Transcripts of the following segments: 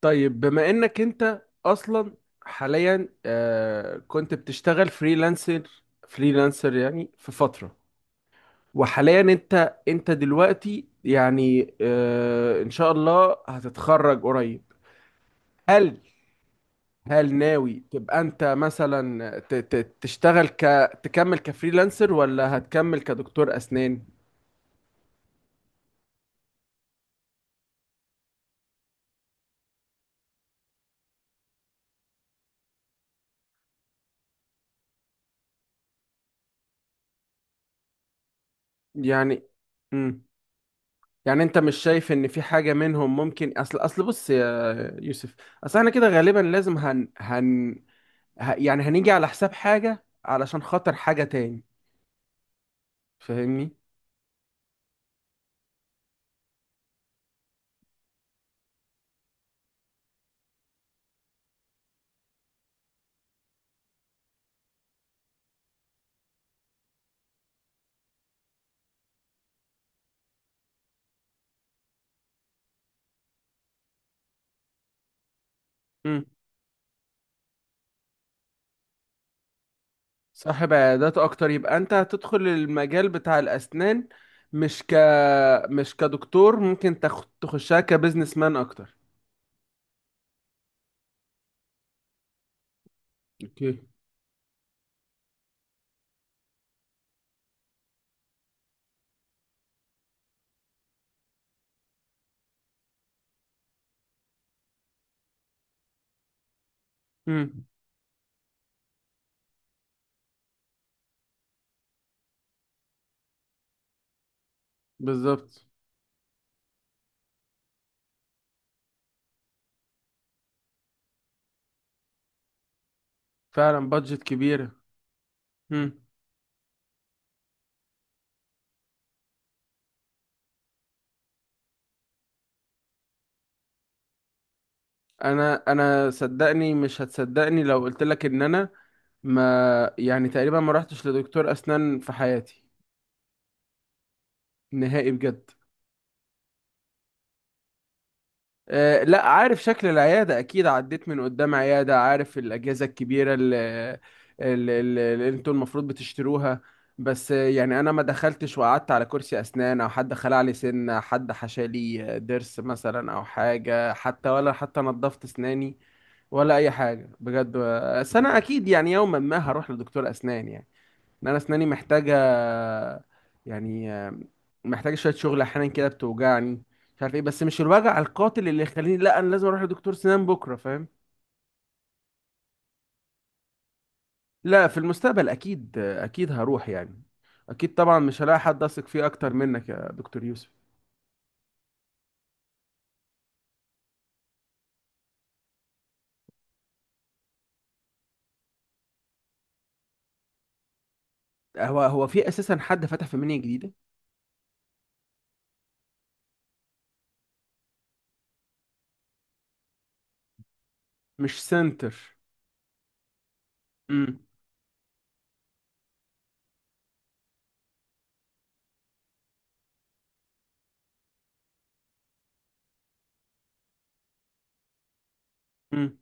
طيب، بما انك انت اصلا حاليا كنت بتشتغل فريلانسر يعني في فترة. وحاليا انت دلوقتي يعني، ان شاء الله هتتخرج قريب. هل هل ناوي تبقى انت مثلا تشتغل ك، تكمل كفريلانسر ولا هتكمل كدكتور اسنان؟ يعني يعني انت مش شايف ان في حاجة منهم ممكن؟ اصل بص يا يوسف، اصل احنا كده غالبا لازم يعني هنيجي على حساب حاجة علشان خاطر حاجة تاني. فاهمني؟ امم. صاحب عيادات اكتر، يبقى انت هتدخل المجال بتاع الاسنان مش ك، مش كدكتور، ممكن تخشها كبزنس مان اكتر. اوكي. امم. بالظبط. فعلا بادجت كبيرة. امم. انا صدقني مش هتصدقني لو قلت لك ان انا ما يعني تقريبا ما رحتش لدكتور اسنان في حياتي. نهائي بجد. لا، عارف شكل العيادة أكيد، عديت من قدام عيادة، عارف الأجهزة الكبيرة اللي انتوا المفروض بتشتروها. بس يعني أنا ما دخلتش وقعدت على كرسي أسنان، أو حد خلع لي سنة، حد حشى لي ضرس مثلا أو حاجة، حتى ولا حتى نظفت أسناني ولا أي حاجة بجد. بس أنا أكيد يعني يوما ما هروح لدكتور أسنان، يعني ان انا اسناني محتاجه، يعني محتاجه شويه شغل. احيانا كده بتوجعني، مش عارف ايه، بس مش الوجع القاتل اللي يخليني لا، انا لازم اروح لدكتور سنان بكره. فاهم؟ لا، في المستقبل اكيد اكيد هروح يعني. اكيد طبعا، مش هلاقي حد اثق فيه اكتر منك يا دكتور يوسف. هو في اساسا حد فتح في منيا جديده؟ مش سنتر. امم.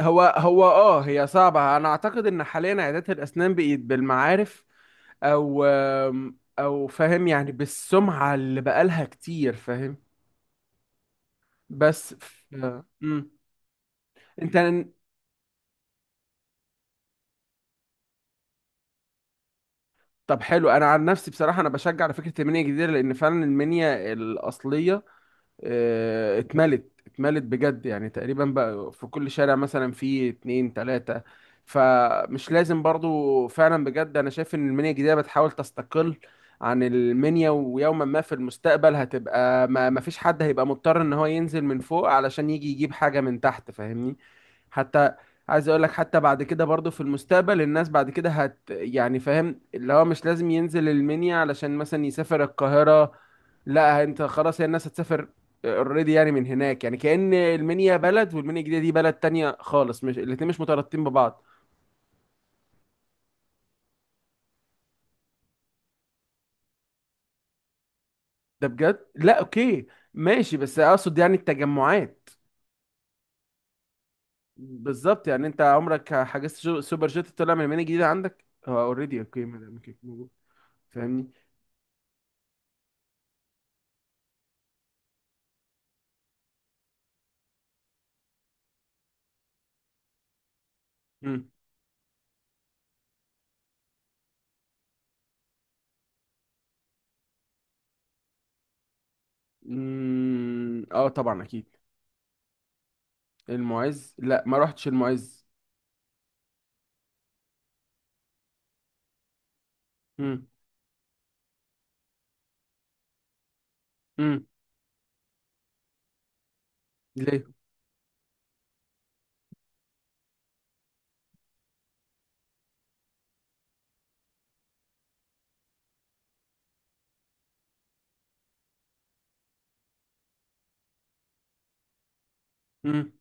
هو هي صعبة. انا اعتقد ان حاليا عيادات الاسنان بقت بالمعارف او او فاهم يعني بالسمعة اللي بقالها كتير. فاهم؟ بس ف... مم. انت طب حلو، انا عن نفسي بصراحة انا بشجع على فكرة المنيا الجديدة، لان فعلا المنيا الاصلية اتملت بجد يعني، تقريبا بقى في كل شارع مثلا في اتنين تلاتة. فمش لازم برضو، فعلا بجد انا شايف ان المنيا الجديدة بتحاول تستقل عن المنيا، ويوما ما في المستقبل هتبقى ما فيش حد هيبقى مضطر ان هو ينزل من فوق علشان يجي يجيب حاجة من تحت. فاهمني؟ حتى عايز اقول لك، حتى بعد كده برضو في المستقبل الناس بعد كده يعني فاهم، اللي هو مش لازم ينزل المنيا علشان مثلا يسافر القاهرة. لا، انت خلاص هي الناس هتسافر اوريدي يعني من هناك، يعني كأن المنيا بلد والمنيا الجديدة دي بلد تانية خالص، مش الاتنين مش مترابطين ببعض. ده بجد؟ لا اوكي، ماشي. بس اقصد يعني التجمعات. بالظبط، يعني انت عمرك حجزت سوبر جيت طلع من المنيا الجديدة؟ عندك هو اوريدي، اوكي، ما دام كده موجود. فاهمني؟ مم. مم. اه طبعا اكيد. المعز، لا ما رحتش المعز. مم. مم. ليه؟ مم.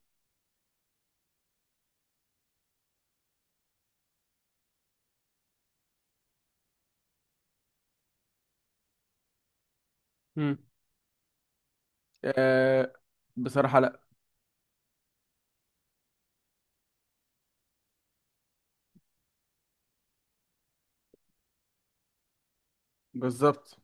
مم. آه، بصراحة لا. بالظبط.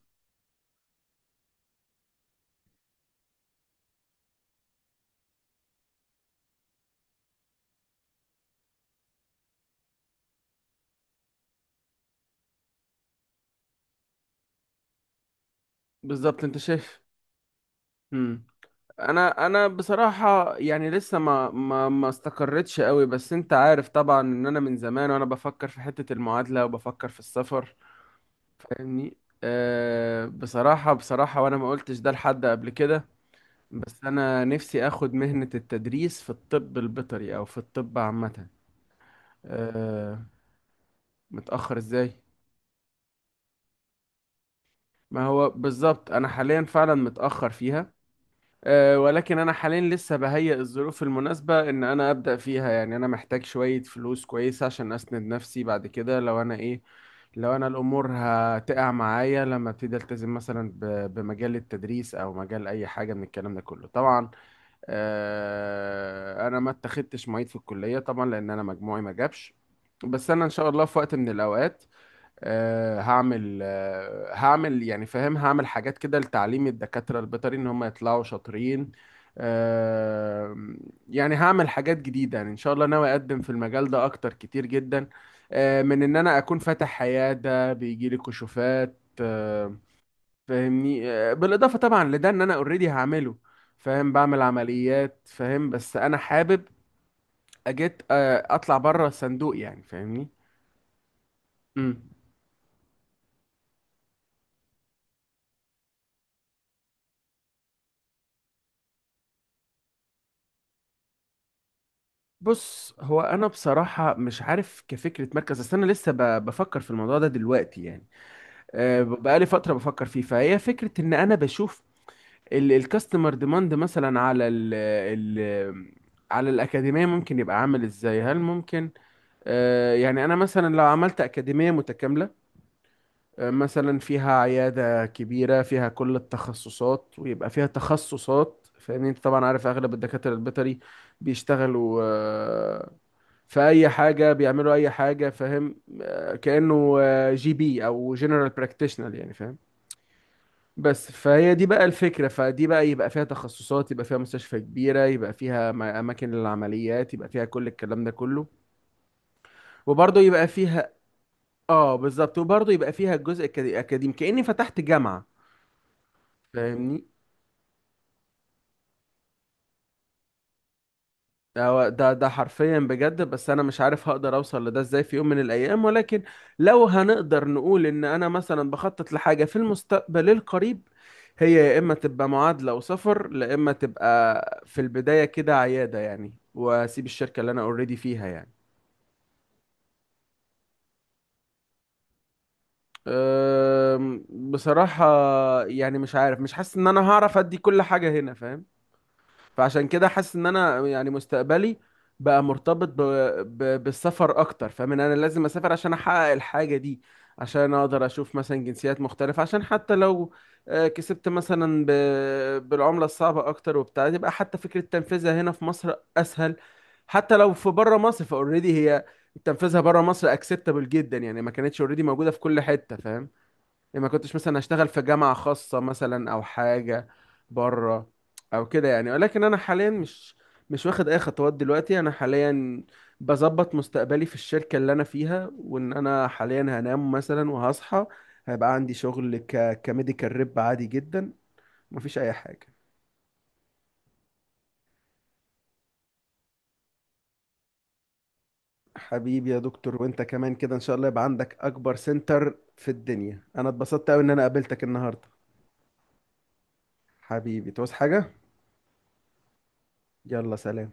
بالظبط، انت شايف. انا بصراحه يعني لسه ما ما ما استقرتش قوي، بس انت عارف طبعا ان انا من زمان وانا بفكر في حته المعادله وبفكر في السفر. فاهمني؟ أه، بصراحه وانا ما قلتش ده لحد قبل كده، بس انا نفسي اخد مهنه التدريس في الطب البيطري او في الطب عامه. أه. متاخر ازاي؟ ما هو بالظبط، انا حاليا فعلا متاخر فيها. ولكن أنا حاليا لسه بهيئ الظروف المناسبة إن أنا أبدأ فيها. يعني أنا محتاج شوية فلوس كويسة عشان أسند نفسي بعد كده، لو أنا إيه، لو أنا الأمور هتقع معايا لما أبتدي ألتزم مثلا بمجال التدريس أو مجال أي حاجة من الكلام ده كله طبعا. أنا ما اتخدتش معيد في الكلية طبعا لأن أنا مجموعي ما جابش. بس أنا إن شاء الله في وقت من الأوقات هعمل يعني فاهم، هعمل حاجات كده لتعليم الدكاترة البيطري ان هم يطلعوا شاطرين. آه، يعني هعمل حاجات جديدة يعني، ان شاء الله ناوي اقدم في المجال ده اكتر كتير جدا، من ان انا اكون فاتح عيادة بيجيلي كشوفات. فاهمني؟ بالاضافة طبعا لده ان انا اوريدي هعمله، فاهم، بعمل عمليات، فاهم؟ بس انا حابب اجيت، اطلع بره الصندوق يعني. فاهمني؟ بص هو انا بصراحه مش عارف كفكره مركز، اصل انا لسه بفكر في الموضوع ده دلوقتي يعني. بقالي فتره بفكر فيه، فهي فكره ان انا بشوف الكاستمر ديماند مثلا على ال على الاكاديميه، ممكن يبقى عامل ازاي. هل ممكن يعني انا مثلا لو عملت اكاديميه متكامله مثلا فيها عيادة كبيرة فيها كل التخصصات ويبقى فيها تخصصات؟ فاهمني؟ انت طبعا عارف اغلب الدكاترة البيطري بيشتغلوا، في اي حاجة، بيعملوا اي حاجة، فاهم؟ كأنه جي بي او جنرال براكتيشنر يعني، فاهم؟ بس فهي دي بقى الفكرة، فدي بقى يبقى فيها تخصصات، يبقى فيها مستشفى كبيرة، يبقى فيها أماكن للعمليات، يبقى فيها كل الكلام ده كله، وبرضه يبقى فيها، اه بالظبط، وبرضه يبقى فيها الجزء الأكاديمي كأني فتحت جامعة. فاهمني؟ ده حرفيا بجد، بس انا مش عارف هقدر اوصل لده ازاي في يوم من الايام. ولكن لو هنقدر نقول ان انا مثلا بخطط لحاجه في المستقبل القريب، هي يا اما تبقى معادله وسفر، لا اما تبقى في البدايه كده عياده يعني، واسيب الشركه اللي انا اوريدي فيها يعني. بصراحه يعني مش عارف، مش حاسس ان انا هعرف ادي كل حاجه هنا. فاهم؟ فعشان كده حاسس ان انا يعني مستقبلي بقى مرتبط بالسفر اكتر، فاهم ان انا لازم اسافر عشان احقق الحاجة دي، عشان اقدر اشوف مثلا جنسيات مختلفة، عشان حتى لو كسبت مثلا بالعملة الصعبة اكتر وبتاع، يبقى حتى فكرة تنفيذها هنا في مصر اسهل. حتى لو في بره مصر، فاوريدي هي تنفيذها بره مصر اكسبتابل جدا يعني، ما كانتش اوريدي موجودة في كل حتة. فاهم؟ يعني ما كنتش مثلا اشتغل في جامعة خاصة مثلا او حاجة بره او كده يعني. ولكن انا حاليا مش مش واخد اي خطوات دلوقتي. انا حاليا بظبط مستقبلي في الشركة اللي انا فيها، وان انا حاليا هنام مثلا وهصحى هيبقى عندي شغل كميديكال ريب عادي جدا، مفيش اي حاجة. حبيبي يا دكتور، وانت كمان كده ان شاء الله يبقى عندك اكبر سنتر في الدنيا. انا اتبسطت قوي ان انا قابلتك النهاردة. حبيبي، تعوز حاجة؟ يلا، سلام.